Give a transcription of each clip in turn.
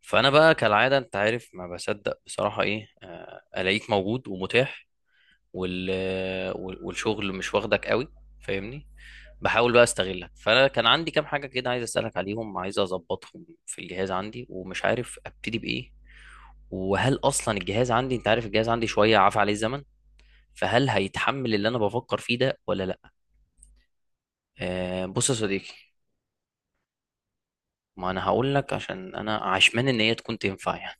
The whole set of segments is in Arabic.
فانا بقى كالعاده انت عارف ما بصدق بصراحه ايه الاقيك موجود ومتاح. وال... والشغل مش واخدك قوي، فاهمني. بحاول بقى استغلك، فانا كان عندي كام حاجه كده عايز اسالك عليهم، عايز اظبطهم في الجهاز عندي ومش عارف ابتدي بايه. وهل اصلا الجهاز عندي، انت عارف الجهاز عندي شويه عفى عليه الزمن، فهل هيتحمل اللي انا بفكر فيه ده ولا لا؟ أه، بص يا صديقي. ما انا هقول لك عشان انا عشمان ان هي تكون تنفع يعني.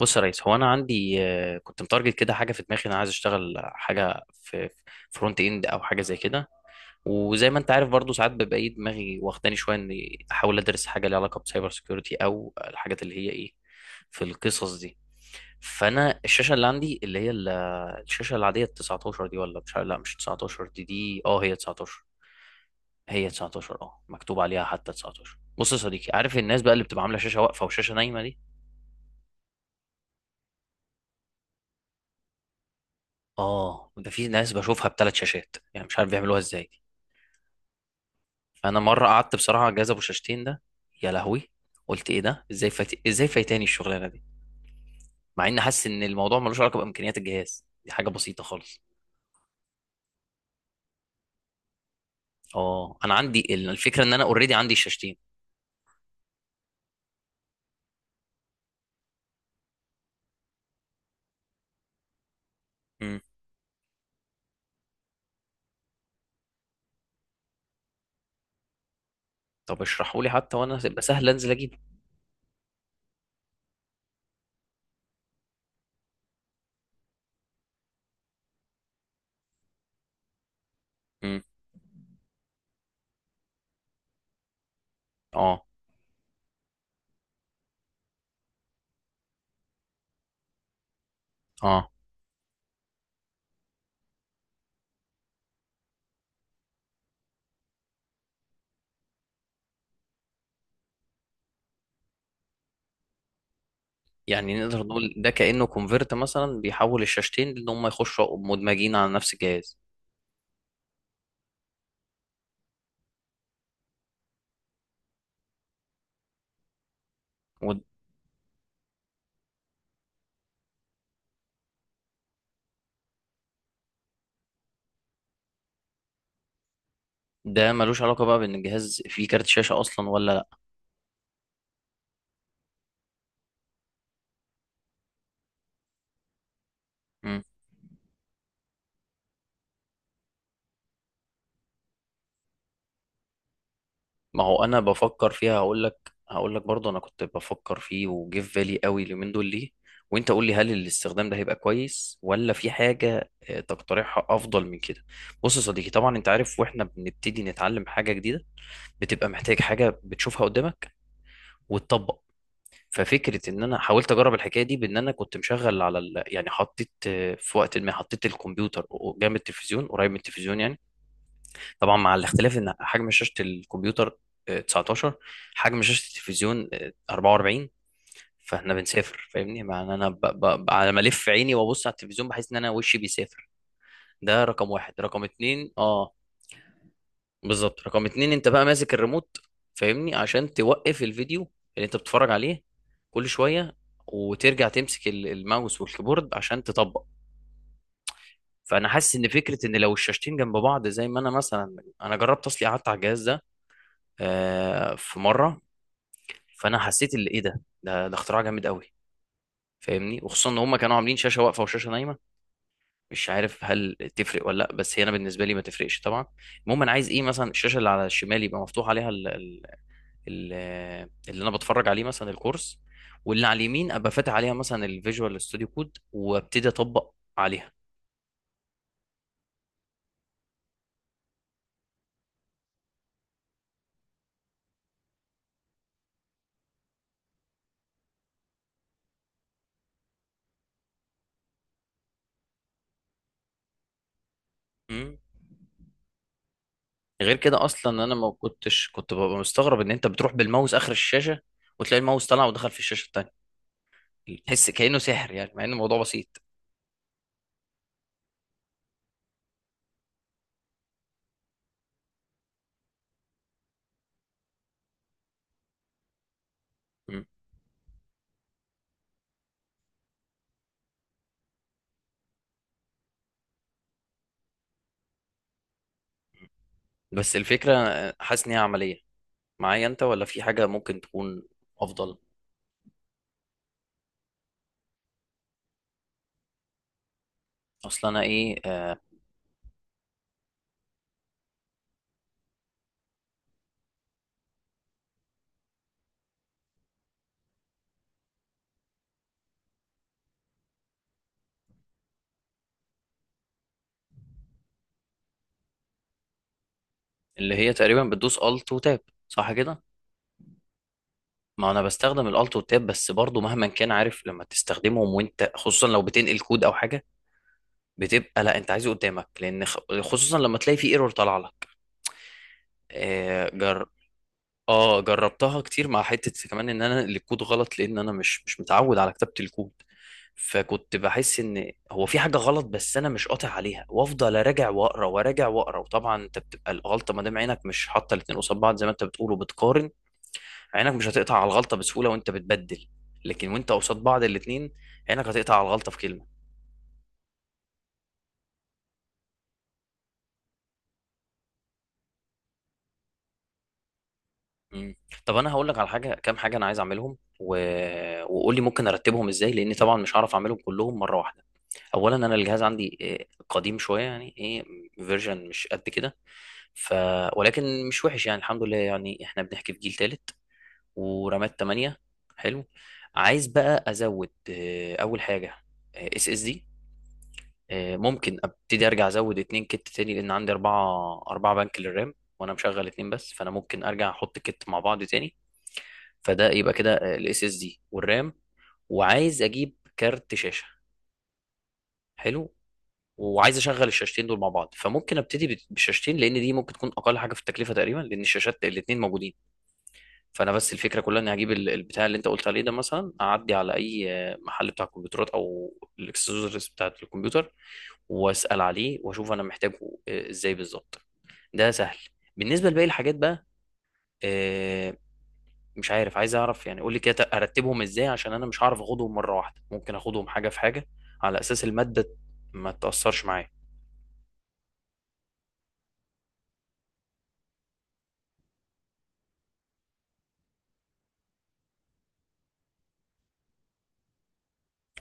بص يا ريس، هو انا عندي كنت متارجت كده حاجه في دماغي، انا عايز اشتغل حاجه في فرونت اند او حاجه زي كده. وزي ما انت عارف برضو ساعات ببقى ايه دماغي واخداني شويه اني احاول ادرس حاجه ليها علاقه بسايبر سيكيورتي او الحاجات اللي هي ايه في القصص دي. فانا الشاشه اللي عندي اللي هي الشاشه العاديه ال 19 دي، ولا مش، لا مش 19، دي دي اه هي 19، هي 19 اه مكتوب عليها حتى 19. بص يا صديقي، عارف الناس بقى اللي بتبقى عامله شاشه واقفه وشاشه نايمه دي. اه، ده في ناس بشوفها بثلاث شاشات يعني، مش عارف بيعملوها ازاي دي. فانا مره قعدت بصراحه على الجهاز ابو شاشتين ده، يا لهوي، قلت ايه ده، ازاي فايتاني الشغلانه دي، مع اني حاسس ان الموضوع ملوش علاقه بامكانيات الجهاز، دي حاجه بسيطه خالص. اه انا عندي الفكره ان انا اوريدي عندي الشاشتين. امم. طب اشرحوا لي حتى وانا يبقى سهل انزل اجيبه. امم. اه اه. يعني نقدر نقول ده كأنه كونفرت مثلا بيحول الشاشتين ان هم يخشوا مدمجين على نفس الجهاز؟ وده ملوش علاقة بقى بان الجهاز فيه كارت شاشة اصلا ولا لا؟ مم. ما هو انا بفكر فيها، هقول لك برضه انا كنت بفكر فيه وجه في بالي قوي اليومين دول ليه. وانت قول لي هل الاستخدام ده هيبقى كويس ولا في حاجة تقترحها افضل من كده؟ بص يا صديقي، طبعا انت عارف، واحنا بنبتدي نتعلم حاجة جديدة بتبقى محتاج حاجة بتشوفها قدامك وتطبق. ففكره ان انا حاولت اجرب الحكايه دي بان انا كنت مشغل على يعني حطيت في وقت ما حطيت الكمبيوتر جنب التلفزيون، قريب من التلفزيون يعني. طبعا مع الاختلاف ان حجم شاشه الكمبيوتر 19، حجم شاشه التلفزيون 44. فاحنا بنسافر، فاهمني، مع ان انا على ما الف عيني وابص على التلفزيون بحس ان انا وشي بيسافر. ده رقم واحد، رقم اتنين اه، بالظبط رقم اتنين، انت بقى ماسك الريموت، فاهمني، عشان توقف الفيديو اللي انت بتتفرج عليه كل شوية، وترجع تمسك الماوس والكيبورد عشان تطبق. فانا حاسس ان فكرة ان لو الشاشتين جنب بعض، زي ما انا مثلا انا جربت اصلي قعدت على الجهاز ده في مرة، فانا حسيت اللي ايه ده ده اختراع جامد قوي. فاهمني، وخصوصا ان هم كانوا عاملين شاشة واقفة وشاشة نايمة، مش عارف هل تفرق ولا لا، بس هي انا بالنسبة لي ما تفرقش طبعا. المهم انا عايز ايه، مثلا الشاشة اللي على الشمال يبقى مفتوح عليها ال- اللي انا بتفرج عليه مثلا الكورس، واللي على اليمين ابقى فاتح عليها مثلا الفيجوال ستوديو كود وابتدي اطبق عليها. مم. غير كده اصلا انا ما كنتش كنت ببقى مستغرب ان انت بتروح بالماوس اخر الشاشه، وتلاقي الماوس طلع ودخل في الشاشه التانيه، تحس كانه سحر يعني مع ان الموضوع بسيط. مم. بس الفكره حاسس ان هي عمليه معايا انت، ولا في حاجه ممكن تكون افضل؟ اصلا انا ايه آه. اللي هي تقريبا بتدوس الت وتاب، صح كده؟ ما انا بستخدم الالت والتاب، بس برضو مهما كان عارف لما تستخدمهم وانت خصوصا لو بتنقل كود او حاجه بتبقى لا انت عايزه قدامك، لان خصوصا لما تلاقي في ايرور طالعه لك آه جر... اه جربتها كتير، مع حته كمان ان انا الكود غلط، لان انا مش متعود على كتابه الكود. فكنت بحس ان هو في حاجه غلط، بس انا مش قاطع عليها وافضل اراجع واقرا وراجع واقرا. وطبعا انت بتبقى الغلطه ما دام عينك مش حاطه الاتنين قصاد بعض زي ما انت بتقول وبتقارن، عينك مش هتقطع على الغلطه بسهوله وانت بتبدل. لكن وانت قصاد بعض الاثنين، عينك هتقطع على الغلطه في كلمه. مم. طب انا هقول لك على حاجه، كام حاجه انا عايز اعملهم وقول لي ممكن ارتبهم ازاي، لان طبعا مش هعرف اعملهم كلهم مره واحده. اولا انا الجهاز عندي قديم شويه، يعني ايه فيرجن مش قد كده، ف ولكن مش وحش يعني، الحمد لله، يعني احنا بنحكي في جيل ثالث ورامات 8، حلو. عايز بقى ازود اول حاجه اس اس دي. ممكن ابتدي ارجع ازود اتنين كت تاني، لان عندي اربعة اربعة بنك للرام وانا مشغل اتنين بس، فانا ممكن ارجع احط كت مع بعض تاني. فده يبقى كده الاس اس دي والرام، وعايز اجيب كارت شاشة، حلو. وعايز اشغل الشاشتين دول مع بعض، فممكن ابتدي بالشاشتين، لان دي ممكن تكون اقل حاجة في التكلفة تقريبا لان الشاشات الاتنين موجودين. فانا بس الفكره كلها اني هجيب البتاع اللي انت قلت عليه ده مثلا، اعدي على اي محل بتاع كمبيوترات او الاكسسوارز بتاعت الكمبيوتر واسال عليه واشوف انا محتاجه ازاي بالظبط، ده سهل. بالنسبه لباقي الحاجات بقى آه، مش عارف، عايز اعرف يعني قول لي كده ارتبهم ازاي عشان انا مش هعرف اخدهم مره واحده، ممكن اخدهم حاجه في حاجه، على اساس الماده ما تاثرش معايا.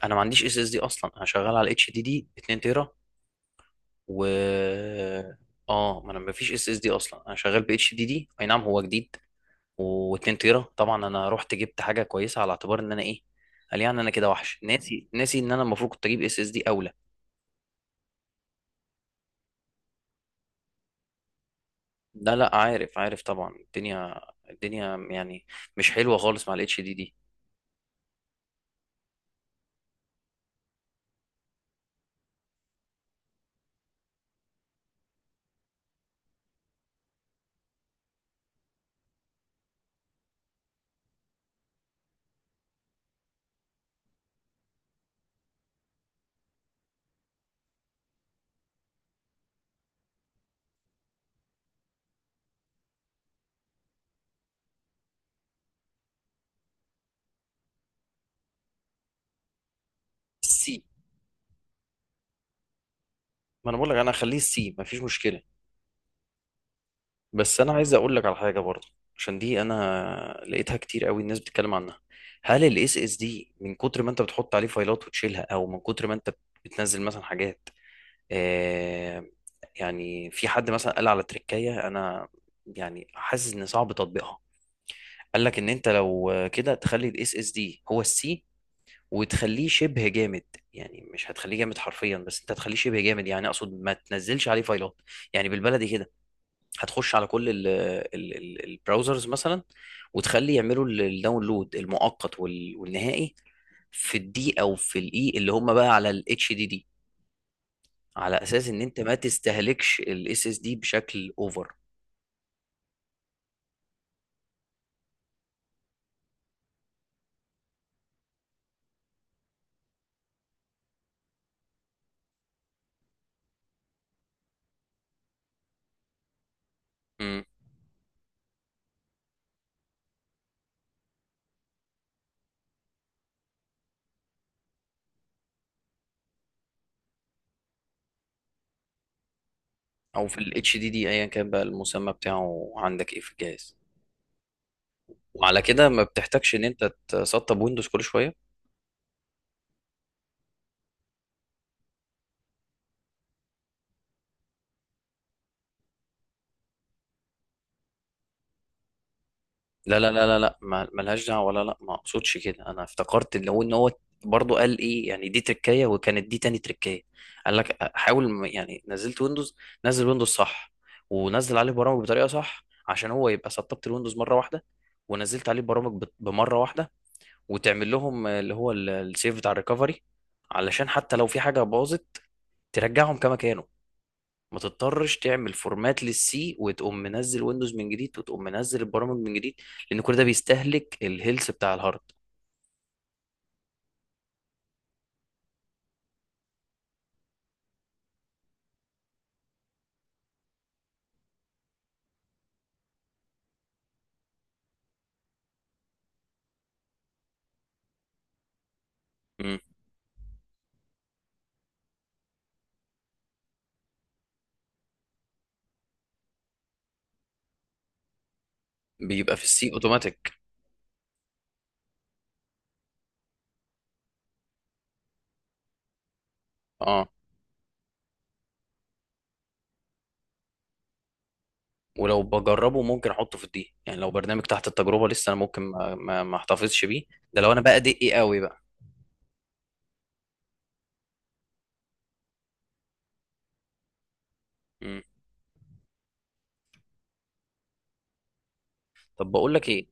انا ما عنديش اس اس دي اصلا، انا شغال على اتش دي دي 2 تيرا و اه، ما انا ما فيش اس اس دي اصلا، انا شغال ب اتش دي دي، اي نعم هو جديد و2 تيرا، طبعا انا رحت جبت حاجه كويسه على اعتبار ان انا ايه. قال يعني انا كده وحش، ناسي ان انا المفروض كنت اجيب اس اس دي اولى. لا لا، عارف عارف طبعا. الدنيا، الدنيا يعني مش حلوه خالص مع الاتش دي دي. السي. ما انا بقول لك انا هخليه السي ما فيش مشكله، بس انا عايز اقول لك على حاجه برضه، عشان دي انا لقيتها كتير قوي الناس بتتكلم عنها. هل الاس اس دي من كتر ما انت بتحط عليه فايلات وتشيلها، او من كتر ما انت بتنزل مثلا حاجات آه يعني، في حد مثلا قال على تركية، انا يعني حاسس ان صعب تطبيقها. قال لك ان انت لو كده تخلي الاس اس دي هو السي وتخليه شبه جامد، يعني مش هتخليه جامد حرفيا بس انت هتخليه شبه جامد، يعني اقصد ما تنزلش عليه فايلات، يعني بالبلدي كده. هتخش على كل البراوزرز مثلا وتخلي يعملوا الداونلود المؤقت والنهائي في الدي او في الاي اللي هم بقى على الاتش دي دي، على اساس ان انت ما تستهلكش الاس اس دي بشكل اوفر. مم. او في الاتش دي دي ايا كان بقى المسمى بتاعه عندك ايه في الجهاز. وعلى كده ما بتحتاجش ان انت تسطب ويندوز كل شويه. لا، لا، لا، لا، لا، ملهاش دعوه، ولا لا ما اقصدش كده. انا افتكرت اللي هو ان هو برضه قال ايه يعني، دي تركايه وكانت دي تاني تركايه. قال لك حاول يعني نزلت ويندوز، نزل ويندوز صح ونزل عليه برامج بطريقه صح، عشان هو يبقى سطبت الويندوز مره واحده، ونزلت عليه برامج بمره واحده. وتعمل لهم اللي هو السيف بتاع الريكفري، علشان حتى لو في حاجه باظت ترجعهم كما كانوا، ما تضطرش تعمل فورمات للسي وتقوم منزل ويندوز من جديد وتقوم منزل البرامج من جديد، لان كل ده بيستهلك الهيلث بتاع الهارد. مم. بيبقى في السي اوتوماتيك. اه، ولو بجربه ممكن احطه في الدي، يعني لو برنامج تحت التجربه لسه انا ممكن ما احتفظش بيه، ده لو انا بقى دقي قوي بقى. مم. طب بقول لك ايه،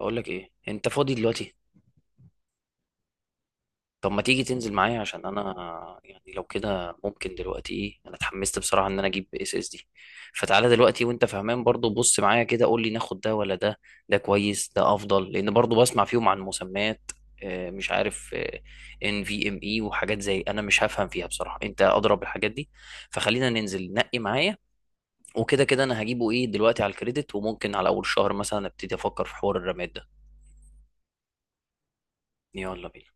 بقول لك ايه، انت فاضي دلوقتي؟ طب ما تيجي تنزل معايا، عشان انا يعني لو كده ممكن دلوقتي ايه، انا اتحمست بصراحه ان انا اجيب اس اس دي، فتعالى دلوقتي وانت فهمان برضو بص معايا كده قول لي ناخد ده ولا ده. ده كويس، ده افضل، لان برضو بسمع فيهم عن مسميات مش عارف ان في ام اي وحاجات زي، انا مش هفهم فيها بصراحه، انت اضرب الحاجات دي. فخلينا ننزل نقي معايا، وكده كده انا هجيبه ايه دلوقتي على الكريدت وممكن على اول الشهر مثلا ابتدي افكر في حوار الرماد ده. يلا بينا.